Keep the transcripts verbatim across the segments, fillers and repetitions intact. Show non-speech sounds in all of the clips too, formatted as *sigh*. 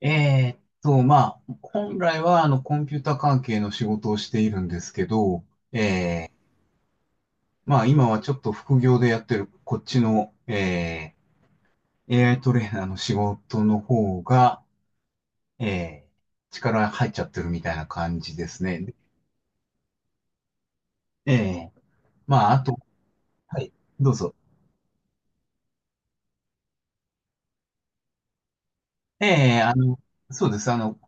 えーっと、まあ、本来はあのコンピュータ関係の仕事をしているんですけど、えー、まあ今はちょっと副業でやってるこっちの、えー、エーアイ トレーナーの仕事の方が、えー、力入っちゃってるみたいな感じですね。えー、まああと、はい、どうぞ。ええあの、そうです。あの、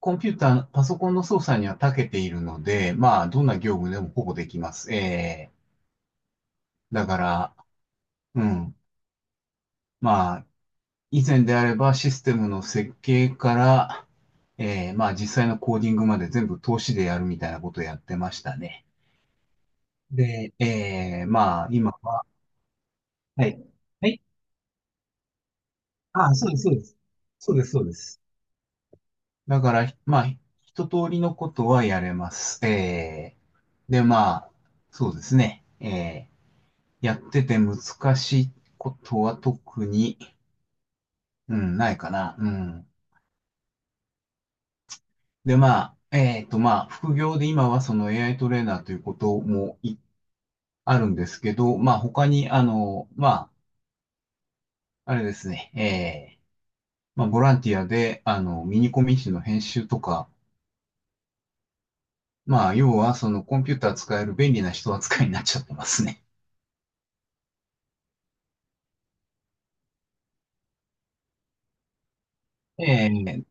コンピューター、パソコンの操作には長けているので、まあどんな業務でもほぼできます。ええだから、うん、まあ、以前であればシステムの設計から、えーまあ実際のコーディングまで全部投資でやるみたいなことをやってましたね。で、えーまあ今は、はい。はい。ああ、そうです、そうです。そうです、そうです。だから、まあ一通りのことはやれます。えーで、まあ、そうですね。えーやってて難しいことは特に、うん、ないかな。うん。で、まあ、えっと、まあ、副業で今はその エーアイ トレーナーということもいあるんですけど、まあ、他に、あの、まあ、あれですね、えー、まあ、ボランティアで、あの、ミニコミ誌の編集とか、まあ、要は、そのコンピューター使える便利な人扱いになっちゃってますね。えー、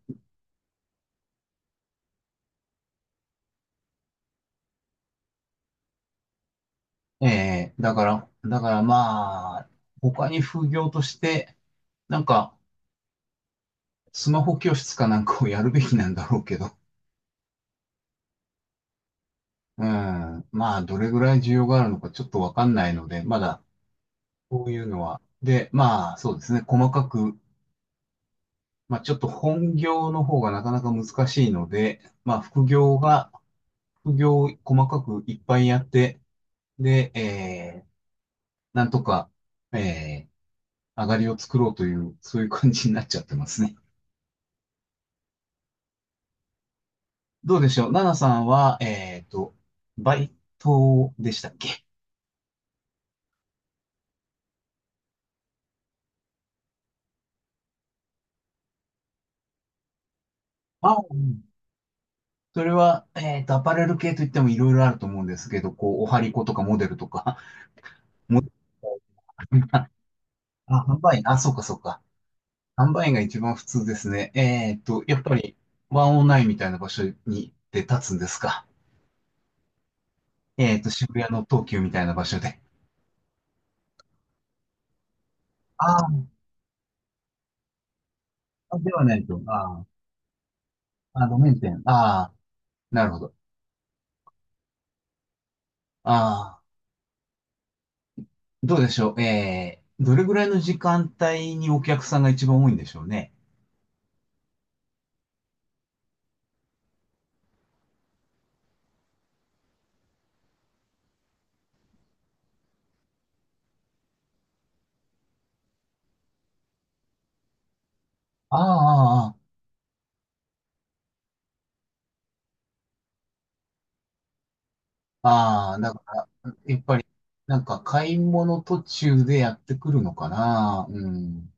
えー、だから、だからまあ、他に副業として、なんか、スマホ教室かなんかをやるべきなんだろうけど、うん、まあ、どれぐらい需要があるのかちょっとわかんないので、まだ、こういうのは。で、まあ、そうですね。細かく、まあ、ちょっと本業の方がなかなか難しいので、まあ、副業が、副業を細かくいっぱいやって、で、えー、なんとか、えー、上がりを作ろうという、そういう感じになっちゃってますね。どうでしょう、ナナさんは、えっと、バイトでしたっけ？あ、うん、それは、えっと、アパレル系といってもいろいろあると思うんですけど、こう、おはりことかモデルとか、*laughs* モデル、あ、販売員、あ、そうかそうか。販売員が一番普通ですね。えーっと、やっぱりワンオワンインみたいな場所にで立つんですか？えーっと、渋谷の東急みたいな場所で。あー、あ、ではないと。あー、あ、路面店。ああ、なるほど。ああ、どうでしょう。えー、どれぐらいの時間帯にお客さんが一番多いんでしょうね。ああ、ああ、ああだから、やっぱり、なんか買い物途中でやってくるのかな。うん。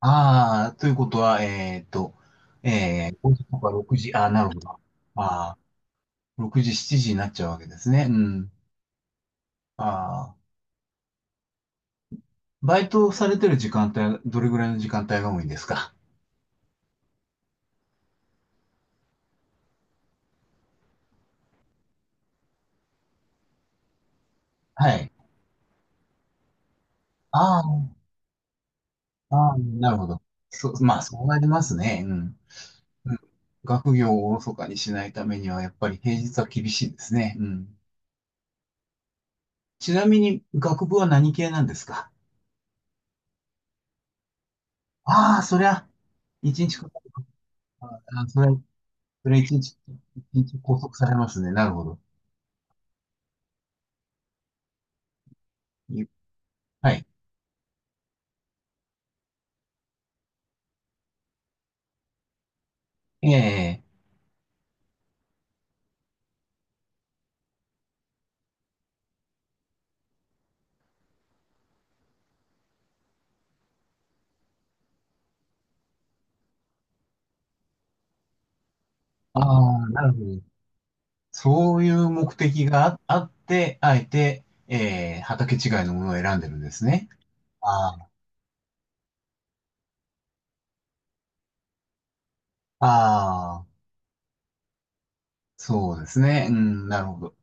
ああ、ということは、えーっと、えー、ごじとかろくじ、ああ、なるほど。ああ、ろくじ、しちじになっちゃうわけですね。うん。ああ、バイトされてる時間帯、どれぐらいの時間帯が多いんですか？はい。ああ、ああ、なるほど。そう、まあ、そうなりますね。うん。うん、学業をおろそかにしないためには、やっぱり平日は厳しいですね。うん。ちなみに、学部は何系なんですか？ああ、そりゃ、一日かかる。ああ、それは、それ一日、一日拘束されますね。なるほど。い、はい。ええああー、なるほど。そういう目的があ、あって、あえて、ええ畑違いのものを選んでるんですね。ああ、ああ、そうですね。うん、なるほど。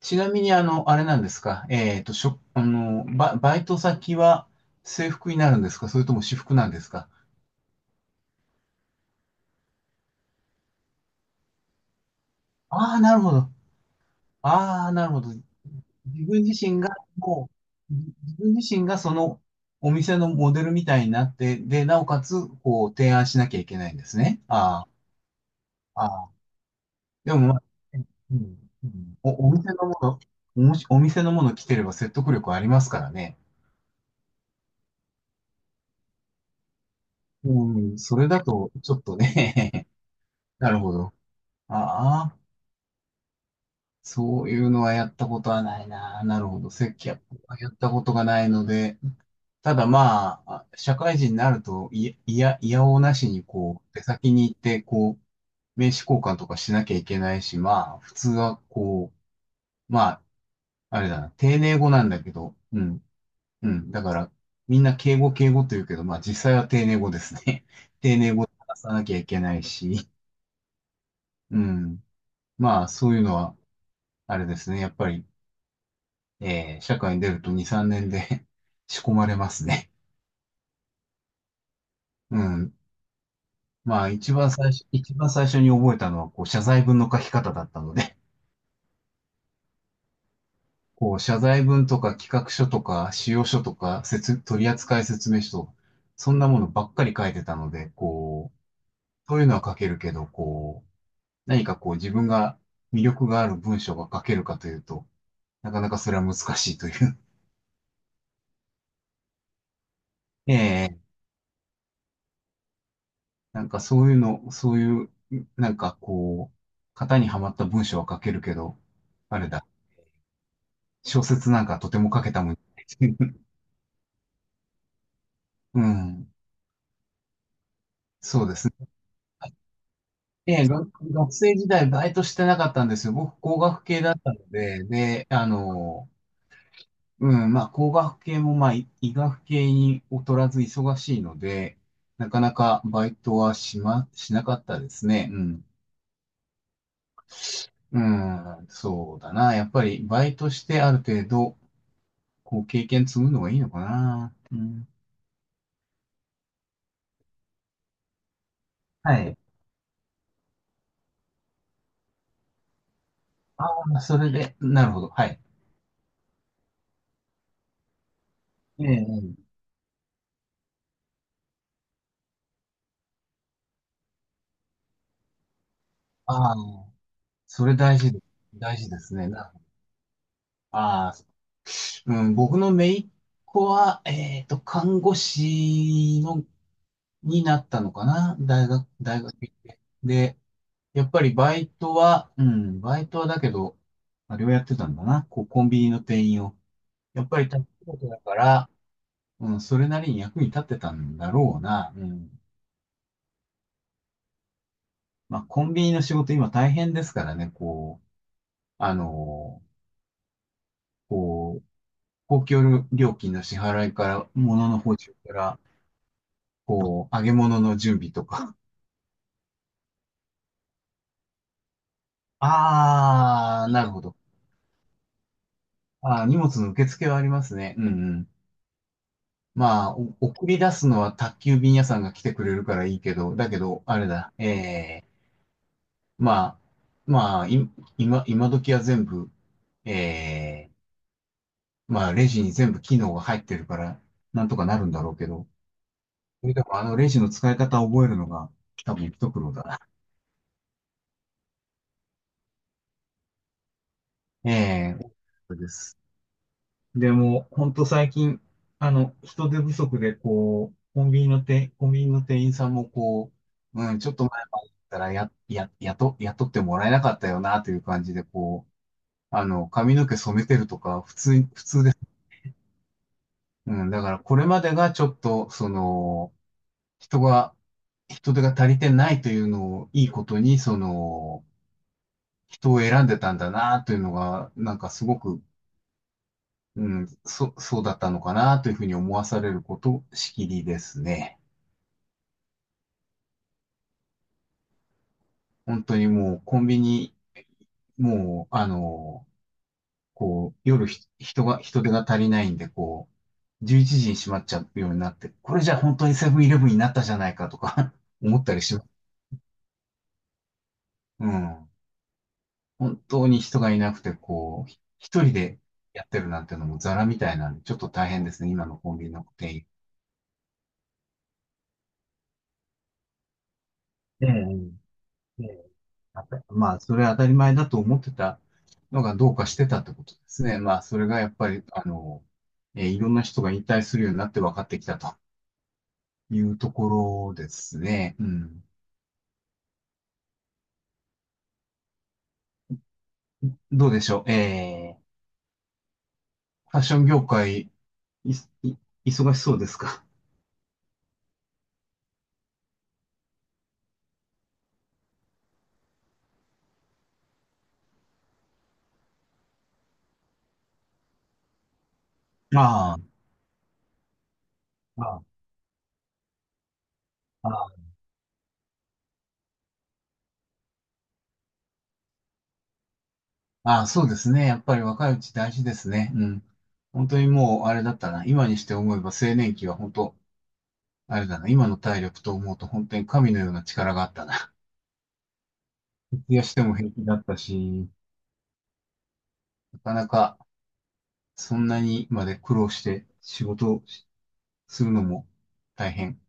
ちなみに、あの、あれなんですか。えっと、しょ、あの、バ、バイト先は制服になるんですか、それとも私服なんですか？ああー、なるほど。ああ、なるほど。自分自身が、もう、自自分自身がそのお店のモデルみたいになって、で、なおかつ、こう、提案しなきゃいけないんですね。ああ、ああ。でも、まあ、うん、うんお、お店のもの、おもし、お店のもの来てれば説得力ありますからね。うん、それだと、ちょっとね、*laughs* なるほど。ああ。そういうのはやったことはないな。なるほど。接客はやったことがないので、ただまあ、社会人になると、いいや、いやおうなしにこう、出先に行って、こう、名刺交換とかしなきゃいけないし、まあ、普通はこう、まあ、あれだな、丁寧語なんだけど、うん、うん。だから、みんな敬語敬語と言うけど、まあ実際は丁寧語ですね。*laughs* 丁寧語で話さなきゃいけないし、うん。まあ、そういうのは、あれですね。やっぱり、えー社会に出るとに、さんねんで *laughs* 仕込まれますね。うん。まあ、一番最初、一番最初に覚えたのは、こう、謝罪文の書き方だったので、こう、謝罪文とか企画書とか、仕様書とか、説、取扱説明書とか、そんなものばっかり書いてたので、こう、そういうのは書けるけど、こう、何かこう、自分が魅力がある文章が書けるかというと、なかなかそれは難しいという。*laughs* えなんかそういうの、そういう、なんかこう、型にはまった文章は書けるけど、あれだ、小説なんかとても書けたもん。*laughs* うん、そうですね。ええ、が学生時代バイトしてなかったんですよ。僕、工学系だったので、で、あの、うん、まあ、工学系も、まあ、い医学系に劣らず忙しいので、なかなかバイトはしま、しなかったですね。うん。うん、そうだな。やっぱりバイトしてある程度、こう経験積むのがいいのかな。うん。はい。ああ、それで、なるほど。はい。ええ、ええ、ああ、それ大事で、大事ですね。なるほど。ああ、うん、僕の姪っ子は、えっと、看護師の、になったのかな。大学、大学行って。で、やっぱりバイトは、うん、バイトはだけど、まあれをやってたんだな。こう、コンビニの店員を。やっぱり、たことだから、うん、それなりに役に立ってたんだろうな。うん。まあ、コンビニの仕事今大変ですからね、こう、あの、こう、公共料金の支払いから、物の補充から、こう、揚げ物の準備とか。あー、なるほど。ああ、荷物の受付はありますね。うん、うん。まあ、お送り出すのは宅急便屋さんが来てくれるからいいけど、だけど、あれだ、ええまあ、まあ、い、今、今時は全部、ええまあ、レジに全部機能が入ってるから、なんとかなるんだろうけど、それでもあのレジの使い方を覚えるのが多分一苦労だな。ええ、そうです。でも、本当最近、あの、人手不足で、こう、コンビニの店、コンビニの店員さんもこう、うん、ちょっと前までだったら、や、や、雇、雇ってもらえなかったよな、という感じで、こう、あの、髪の毛染めてるとか、普通に、普通です。うん、だからこれまでがちょっと、その、人が、人手が足りてないというのをいいことに、その、人を選んでたんだなというのが、なんかすごく、うん、そ、そうだったのかなというふうに思わされること、しきりですね。本当にもうコンビニ、もう、あの、こう、夜ひ人が、人手が足りないんで、こう、じゅういちじに閉まっちゃうようになって、これじゃ本当にセブンイレブンになったじゃないかとか *laughs* 思ったりします。うん。本当に人がいなくて、こう、ひ一人でやってるなんてのもザラみたいなんで、ちょっと大変ですね、今のコンビニの店員。ええ、ええ、やっぱりまあ、それは当たり前だと思ってたのがどうかしてたってことですね。まあ、それがやっぱり、あの、えーいろんな人が引退するようになって分かってきたというところですね。うん。どうでしょう。えー、ファッション業界、い、い、忙しそうですか？ *laughs* ああ、ああ、ああ、ああ、そうですね。やっぱり若いうち大事ですね。うん。本当にもう、あれだったな。今にして思えば青年期は本当、あれだな。今の体力と思うと本当に神のような力があったな。徹夜しても平気だったし、なかなかそんなにまで苦労して仕事をするのも大変。